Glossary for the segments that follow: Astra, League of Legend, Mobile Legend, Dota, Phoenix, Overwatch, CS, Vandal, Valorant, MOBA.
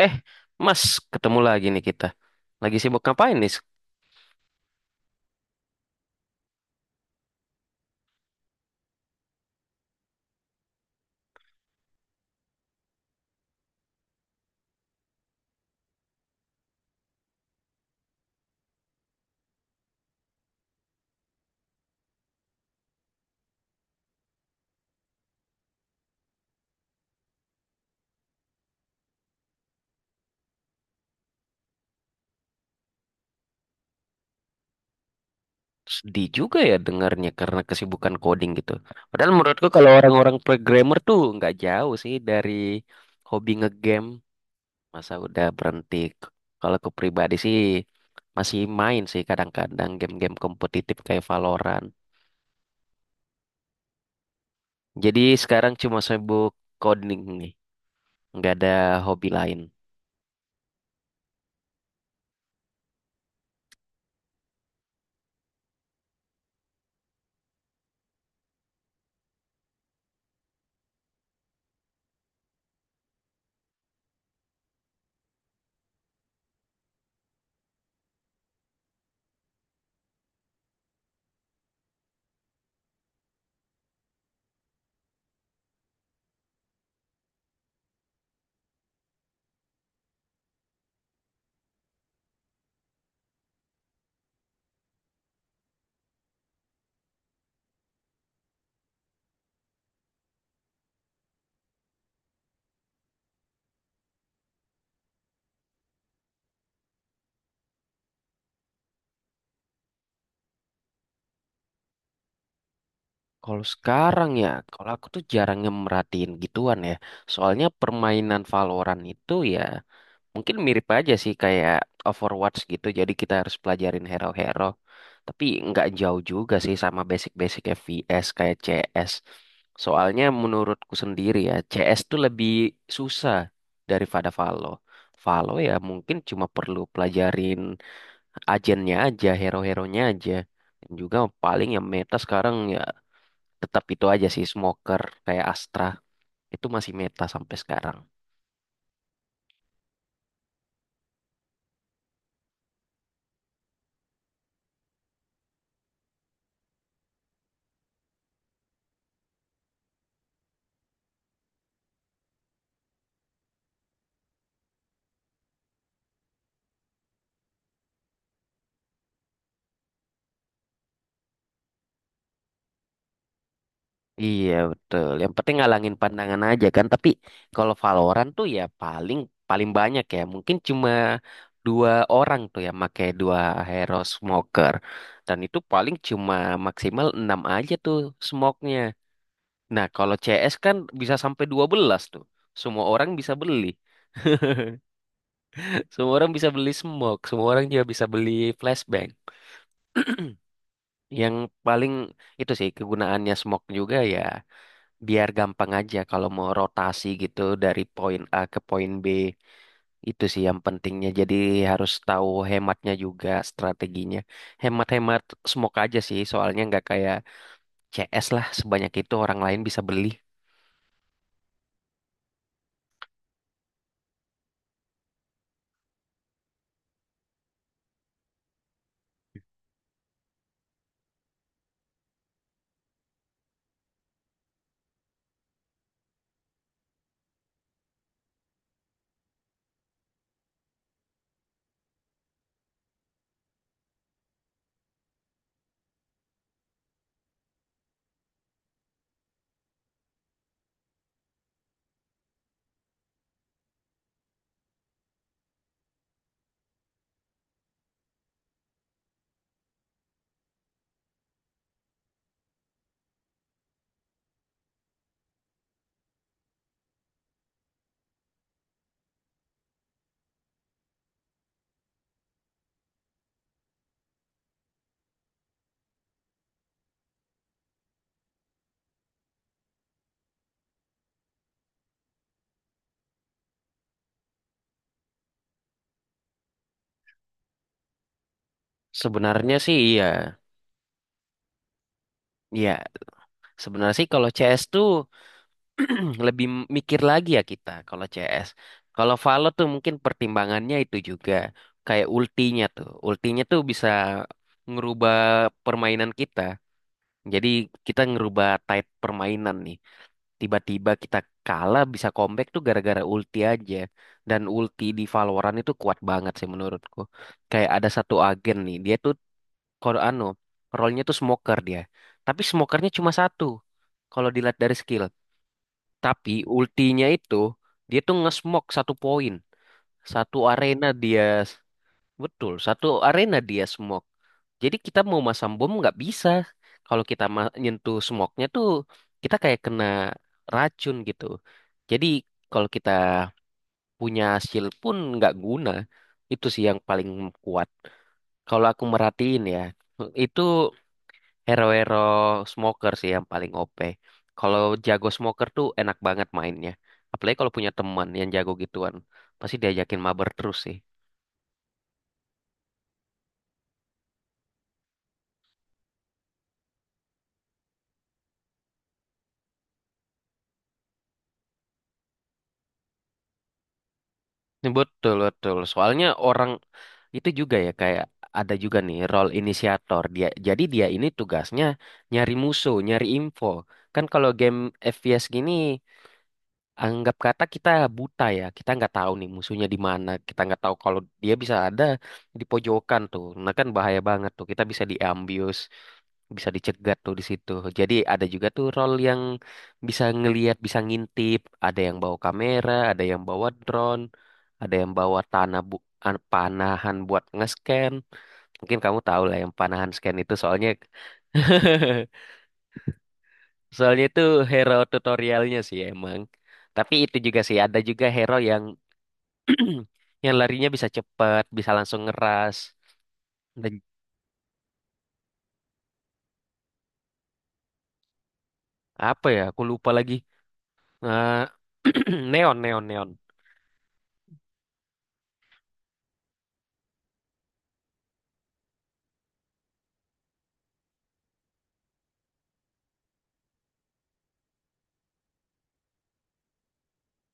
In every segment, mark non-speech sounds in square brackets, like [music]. Eh, Mas, ketemu lagi nih kita. Lagi sibuk ngapain nih? Sedih juga ya dengarnya karena kesibukan coding gitu. Padahal menurutku kalau orang-orang programmer tuh nggak jauh sih dari hobi ngegame. Masa udah berhenti. Kalau aku pribadi sih masih main sih kadang-kadang game-game kompetitif kayak Valorant. Jadi sekarang cuma sibuk coding nih. Nggak ada hobi lain. Kalau sekarang ya, kalau aku tuh jarang merhatiin gituan ya. Soalnya permainan Valorant itu ya mungkin mirip aja sih kayak Overwatch gitu. Jadi kita harus pelajarin hero-hero. Tapi nggak jauh juga sih sama basic-basic FPS kayak CS. Soalnya menurutku sendiri ya, CS tuh lebih susah daripada Valo. Valo ya mungkin cuma perlu pelajarin agennya aja, hero-heronya aja. Dan juga paling yang meta sekarang ya tetap itu aja sih smoker kayak Astra itu masih meta sampai sekarang. Iya betul. Yang penting ngalangin pandangan aja kan. Tapi kalau Valorant tuh ya paling paling banyak ya. Mungkin cuma dua orang tuh ya pakai dua hero smoker. Dan itu paling cuma maksimal 6 aja tuh smoke-nya. Nah, kalau CS kan bisa sampai 12 tuh. Semua orang bisa beli. [laughs] Semua orang bisa beli smoke, semua orang juga bisa beli flashbang. Yang paling itu sih kegunaannya smoke juga ya biar gampang aja kalau mau rotasi gitu dari poin A ke poin B itu sih yang pentingnya. Jadi harus tahu hematnya juga strateginya. Hemat-hemat smoke aja sih soalnya nggak kayak CS lah sebanyak itu orang lain bisa beli. Sebenarnya sih iya. Iya, sebenarnya sih kalau CS tuh lebih mikir lagi ya kita kalau CS. Kalau Valo tuh mungkin pertimbangannya itu juga kayak ultinya tuh. Ultinya tuh bisa ngerubah permainan kita. Jadi kita ngerubah type permainan nih. Tiba-tiba kita kalah bisa comeback tuh gara-gara ulti aja. Dan ulti di Valorant itu kuat banget sih menurutku. Kayak ada satu agen nih, dia tuh kalau anu, role-nya tuh smoker dia. Tapi smokernya cuma satu. Kalau dilihat dari skill. Tapi ultinya itu dia tuh nge-smoke satu poin, satu arena dia betul, satu arena dia smoke. Jadi kita mau masang bom nggak bisa. Kalau kita ma- nyentuh smoke-nya tuh kita kayak kena racun gitu. Jadi kalau kita punya shield pun nggak guna. Itu sih yang paling kuat. Kalau aku merhatiin ya, itu hero-hero smoker sih yang paling OP. Kalau jago smoker tuh enak banget mainnya. Apalagi kalau punya teman yang jago gituan. Pasti diajakin mabar terus sih. Ini betul, betul. Soalnya orang itu juga ya kayak ada juga nih role inisiator. Dia, jadi dia ini tugasnya nyari musuh, nyari info. Kan kalau game FPS gini anggap kata kita buta ya, kita nggak tahu nih musuhnya di mana, kita nggak tahu kalau dia bisa ada di pojokan tuh, nah kan bahaya banget tuh, kita bisa diambius, bisa dicegat tuh di situ. Jadi ada juga tuh role yang bisa ngelihat, bisa ngintip, ada yang bawa kamera, ada yang bawa drone, ada yang bawa tanah bu an- panahan buat nge-scan. Mungkin kamu tahu lah yang panahan scan itu soalnya [laughs] soalnya itu hero tutorialnya sih emang. Tapi itu juga sih ada juga hero yang [clears throat] yang larinya bisa cepat, bisa langsung ngeras. Dan apa ya? Aku lupa lagi. Nah, [clears throat] neon, neon, neon.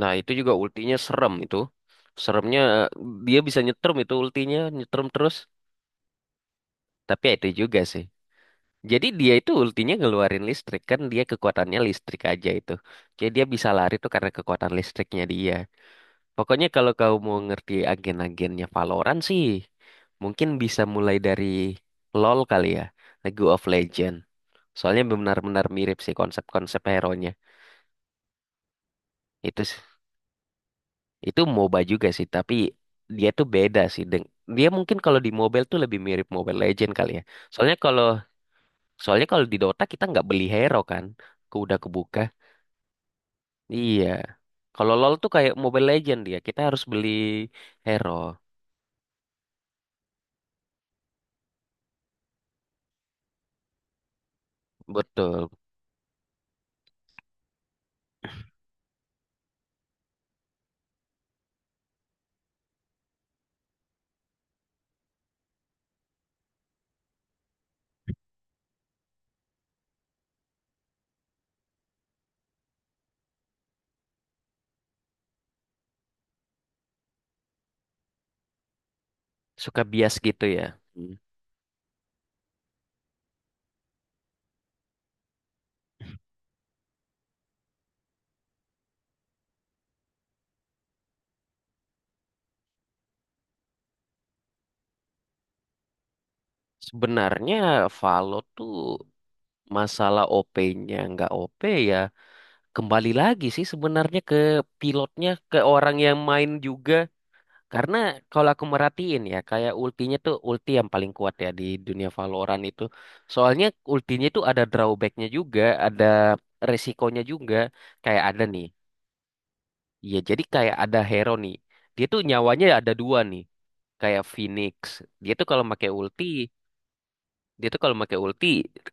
Nah, itu juga ultinya serem itu. Seremnya eh, Dia bisa nyetrum itu ultinya, nyetrum terus. Tapi ya itu juga sih. Jadi dia itu ultinya ngeluarin listrik kan dia kekuatannya listrik aja itu. Jadi dia bisa lari tuh karena kekuatan listriknya dia. Pokoknya kalau kau mau ngerti agen-agennya Valorant sih, mungkin bisa mulai dari LoL kali ya, League of Legend. Soalnya benar-benar mirip sih konsep-konsep hero-nya. Itu s- itu MOBA juga sih, tapi dia tuh beda sih. Deng- Dia mungkin kalau di mobile tuh lebih mirip Mobile Legend kali ya. Soalnya kalau soalnya kalau di Dota kita nggak beli hero kan, ke udah kebuka. Iya. Kalau LoL tuh kayak Mobile Legend dia, kita harus beli hero. Betul, suka bias gitu ya. Hmm. Sebenarnya Valo tuh masalah OP-nya nggak OP ya. Kembali lagi sih sebenarnya ke pilotnya, ke orang yang main juga. Karena kalau aku merhatiin ya, kayak ultinya tuh ulti yang paling kuat ya di dunia Valorant itu. Soalnya ultinya tuh ada drawbacknya juga, ada resikonya juga. Kayak ada nih, ya jadi kayak ada hero nih. Dia tuh nyawanya ada dua nih. Kayak Phoenix. Dia tuh kalau pakai ulti Dia tuh kalau pakai ulti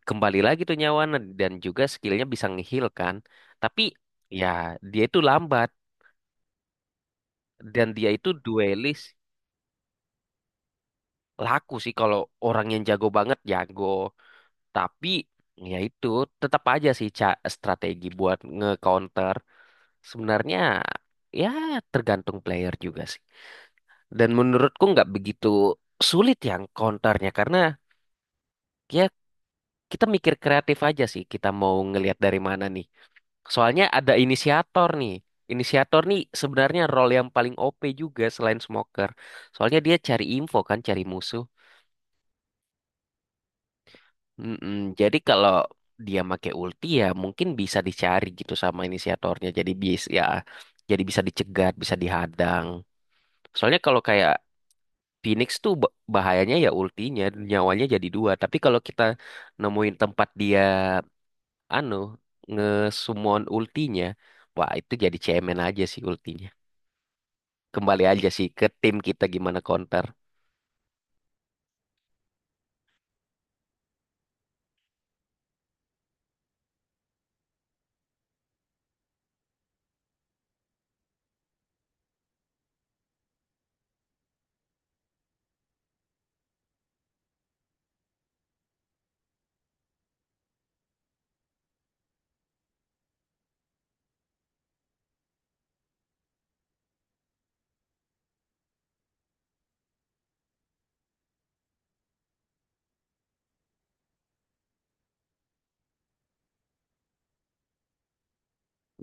kembali lagi tuh nyawana dan juga skillnya bisa ngeheal kan. Tapi ya dia itu lambat dan dia itu duelis laku sih kalau orang yang jago banget jago. Tapi ya itu tetap aja sih ca- strategi buat nge-counter. Sebenarnya ya tergantung player juga sih. Dan menurutku nggak begitu sulit yang counternya karena ya kita mikir kreatif aja sih kita mau ngelihat dari mana nih. Soalnya ada inisiator nih. Inisiator nih sebenarnya role yang paling OP juga selain smoker. Soalnya dia cari info kan, cari musuh. Mm-mm. Jadi kalau dia make ulti ya mungkin bisa dicari gitu sama inisiatornya. Jadi bis ya, jadi bisa dicegat, bisa dihadang. Soalnya kalau kayak Phoenix tuh ba- bahayanya ya ultinya, nyawanya jadi dua. Tapi kalau kita nemuin tempat dia anu nge-summon ultinya. Wah, itu jadi cemen aja sih ultinya. Kembali aja sih ke tim kita gimana counter.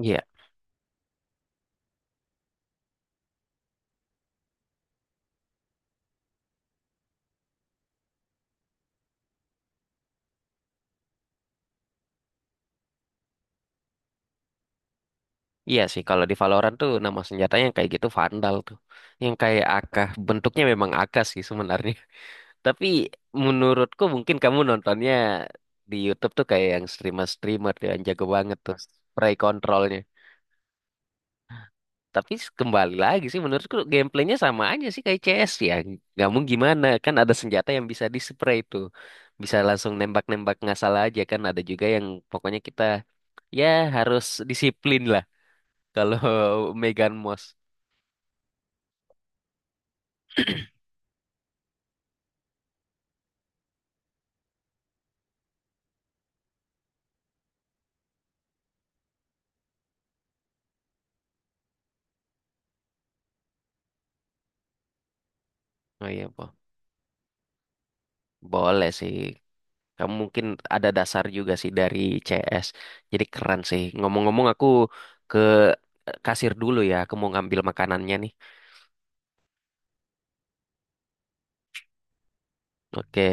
Iya, iya sih. Kalau di Valorant tuh nama senjatanya yang kayak gitu Vandal tuh. Yang kayak AK. Bentuknya memang AK sih sebenarnya. [laughs] Tapi menurutku mungkin kamu nontonnya di YouTube tuh kayak yang streamer-streamer tuh yang jago banget tuh. Spray controlnya. Tapi s- kembali lagi sih menurutku gameplaynya sama aja sih kayak CS ya. Nggak mau gimana kan ada senjata yang bisa di spray itu. Bisa langsung nembak-nembak nggak salah aja kan. Ada juga yang pokoknya kita ya harus disiplin lah kalau [laughs] Megan Moss. Oh iya, boleh sih. Kamu mungkin ada dasar juga sih dari CS. Jadi keren sih. Ngomong-ngomong aku ke kasir dulu ya. Aku mau ngambil makanannya nih. Oke.